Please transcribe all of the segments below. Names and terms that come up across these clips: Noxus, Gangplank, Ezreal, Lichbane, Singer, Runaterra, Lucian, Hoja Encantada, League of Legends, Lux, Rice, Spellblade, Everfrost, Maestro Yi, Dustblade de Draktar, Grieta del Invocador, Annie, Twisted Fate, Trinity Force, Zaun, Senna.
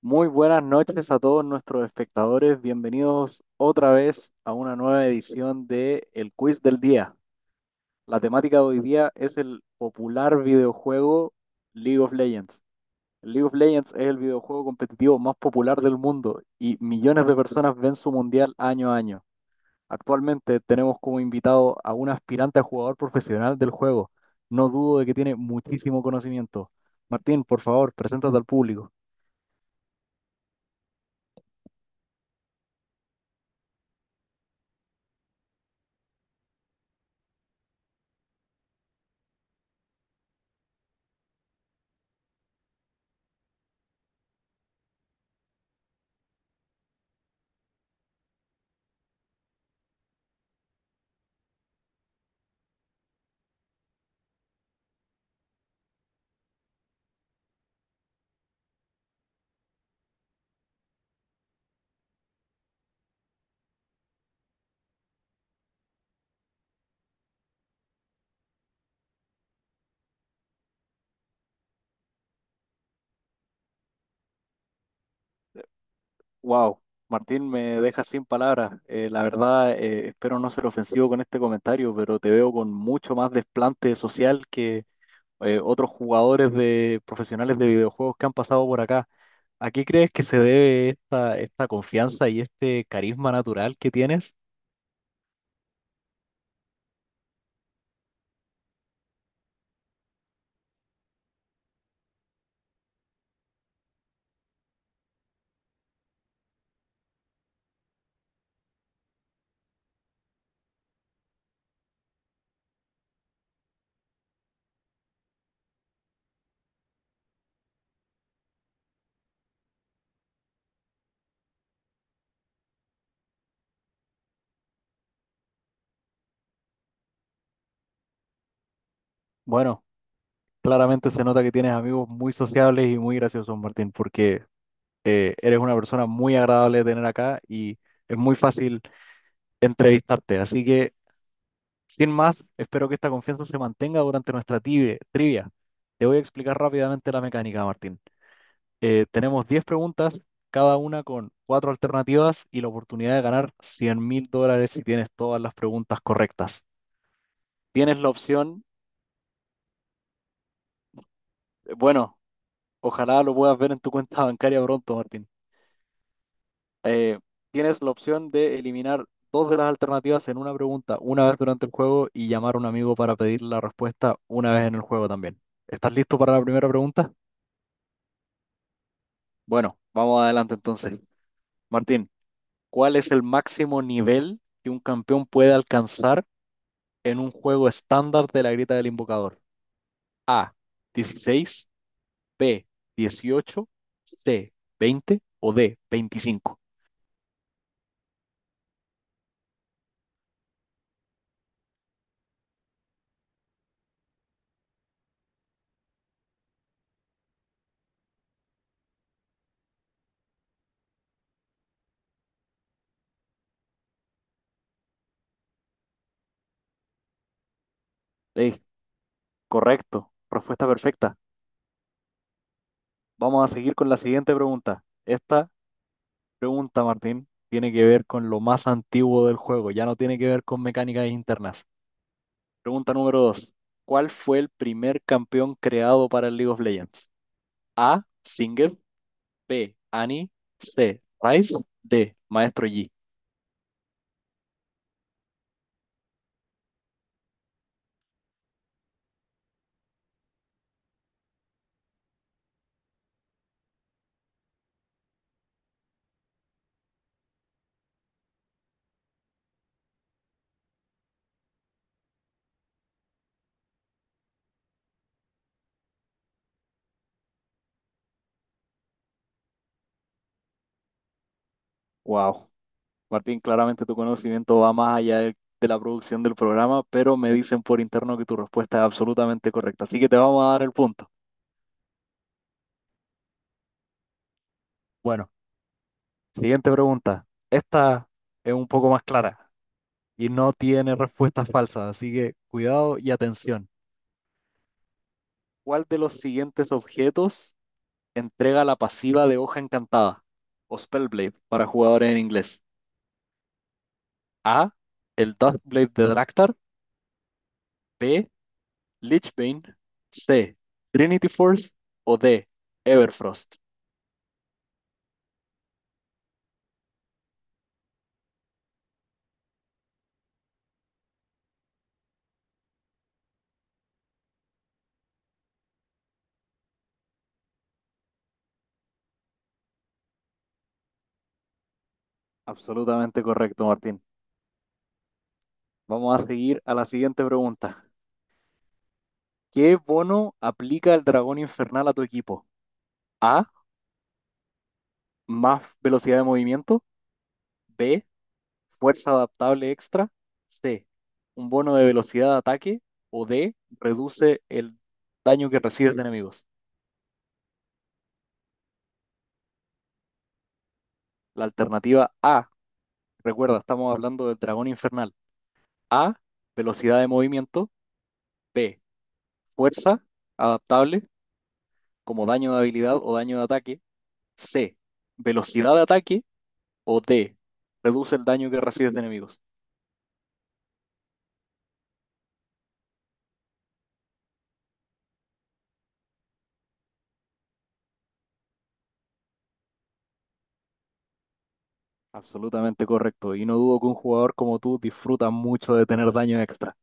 Muy buenas noches a todos nuestros espectadores. Bienvenidos otra vez a una nueva edición de El Quiz del Día. La temática de hoy día es el popular videojuego League of Legends. League of Legends es el videojuego competitivo más popular del mundo y millones de personas ven su mundial año a año. Actualmente tenemos como invitado a un aspirante a jugador profesional del juego. No dudo de que tiene muchísimo conocimiento. Martín, por favor, preséntate al público. Wow, Martín, me deja sin palabras. La verdad, espero no ser ofensivo con este comentario, pero te veo con mucho más desplante social que otros jugadores de profesionales de videojuegos que han pasado por acá. ¿A qué crees que se debe esta confianza y este carisma natural que tienes? Bueno, claramente se nota que tienes amigos muy sociables y muy graciosos, Martín, porque eres una persona muy agradable de tener acá y es muy fácil entrevistarte. Así que, sin más, espero que esta confianza se mantenga durante nuestra trivia. Te voy a explicar rápidamente la mecánica, Martín. Tenemos 10 preguntas, cada una con cuatro alternativas y la oportunidad de ganar $100.000 si tienes todas las preguntas correctas. Tienes la opción, bueno, ojalá lo puedas ver en tu cuenta bancaria pronto, Martín. Eh, Tienes la opción de eliminar dos de las alternativas en una pregunta una vez durante el juego y llamar a un amigo para pedir la respuesta una vez en el juego también. ¿Estás listo para la primera pregunta? Bueno, vamos adelante entonces. Martín, ¿cuál es el máximo nivel que un campeón puede alcanzar en un juego estándar de la Grieta del Invocador? A, 16. B, 18. C, 20. O D, 25. Ey, correcto, respuesta perfecta. Vamos a seguir con la siguiente pregunta. Esta pregunta, Martín, tiene que ver con lo más antiguo del juego, ya no tiene que ver con mecánicas internas. Pregunta número 2: ¿cuál fue el primer campeón creado para el League of Legends? A. Singer. B. Annie. C. Rice. D. Maestro Yi. Wow. Martín, claramente tu conocimiento va más allá de la producción del programa, pero me dicen por interno que tu respuesta es absolutamente correcta. Así que te vamos a dar el punto. Bueno, siguiente pregunta. Esta es un poco más clara y no tiene respuestas falsas, así que cuidado y atención. ¿Cuál de los siguientes objetos entrega la pasiva de Hoja Encantada o Spellblade para jugadores en inglés? A. El Dustblade de Draktar. B. Lichbane. C. Trinity Force. O D. Everfrost. Absolutamente correcto, Martín. Vamos a seguir a la siguiente pregunta. ¿Qué bono aplica el dragón infernal a tu equipo? A. Más velocidad de movimiento. B. Fuerza adaptable extra. C. Un bono de velocidad de ataque. O D. Reduce el daño que recibes de enemigos. La alternativa A. Recuerda, estamos hablando del dragón infernal. A. Velocidad de movimiento. B. Fuerza adaptable como daño de habilidad o daño de ataque. C. Velocidad de ataque. O D, reduce el daño que recibes de enemigos. Absolutamente correcto. Y no dudo que un jugador como tú disfruta mucho de tener daño extra.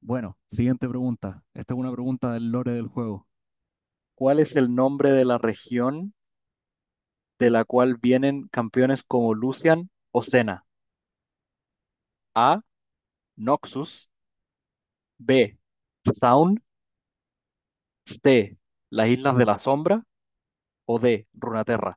Bueno, siguiente pregunta. Esta es una pregunta del lore del juego. ¿Cuál es el nombre de la región de la cual vienen campeones como Lucian o Senna? A. Noxus. B. Zaun. D, las Islas de la Sombra, o D, Runaterra.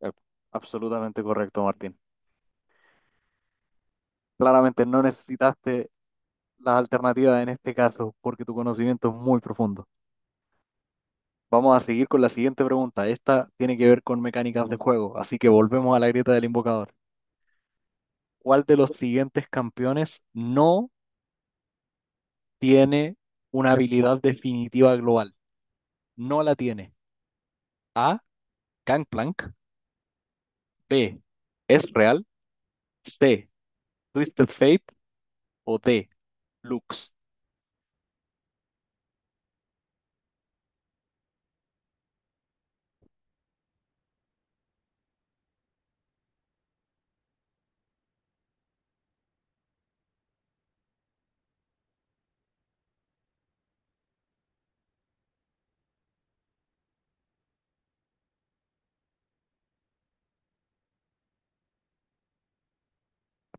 Eh, Absolutamente correcto, Martín. Claramente no necesitaste las alternativas en este caso porque tu conocimiento es muy profundo. Vamos a seguir con la siguiente pregunta. Esta tiene que ver con mecánicas de juego, así que volvemos a la grieta del invocador. ¿Cuál de los siguientes campeones no tiene una habilidad definitiva global? No la tiene. A, Gangplank. B, Ezreal. C, Twisted Fate. O D, Lux.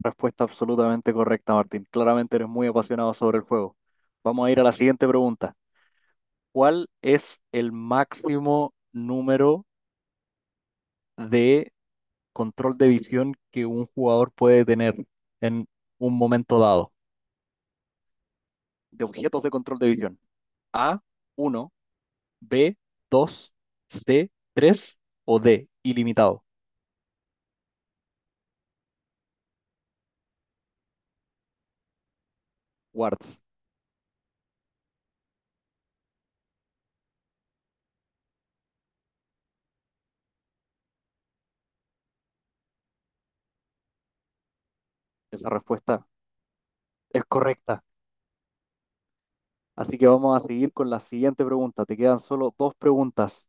Respuesta absolutamente correcta, Martín. Claramente eres muy apasionado sobre el juego. Vamos a ir a la siguiente pregunta. ¿Cuál es el máximo número de control de visión que un jugador puede tener en un momento dado? De objetos de control de visión. A, uno. B, 2. C, 3. O D, ilimitado. Wards. Esa respuesta es correcta. Así que vamos a seguir con la siguiente pregunta. Te quedan solo dos preguntas.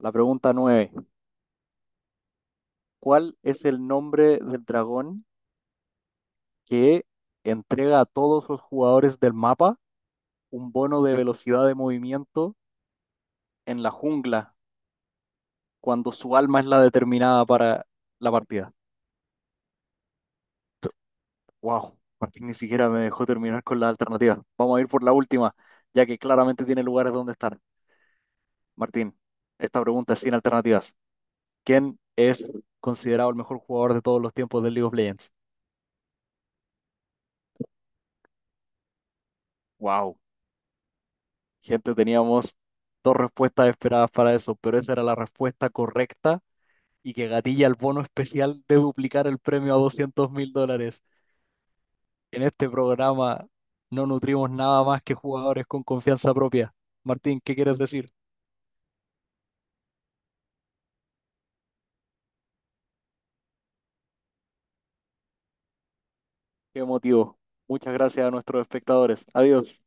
La pregunta nueve: ¿cuál es el nombre del dragón que entrega a todos los jugadores del mapa un bono de velocidad de movimiento en la jungla cuando su alma es la determinada para la partida? Wow, Martín ni siquiera me dejó terminar con la alternativa. Vamos a ir por la última, ya que claramente tiene lugares donde estar. Martín, esta pregunta es sin alternativas. ¿Quién es considerado el mejor jugador de todos los tiempos del League of Legends? Wow. Gente, teníamos dos respuestas esperadas para eso, pero esa era la respuesta correcta y que gatilla el bono especial de duplicar el premio a $200.000. En este programa no nutrimos nada más que jugadores con confianza propia. Martín, ¿qué quieres decir? Qué emotivo. Muchas gracias a nuestros espectadores. Adiós.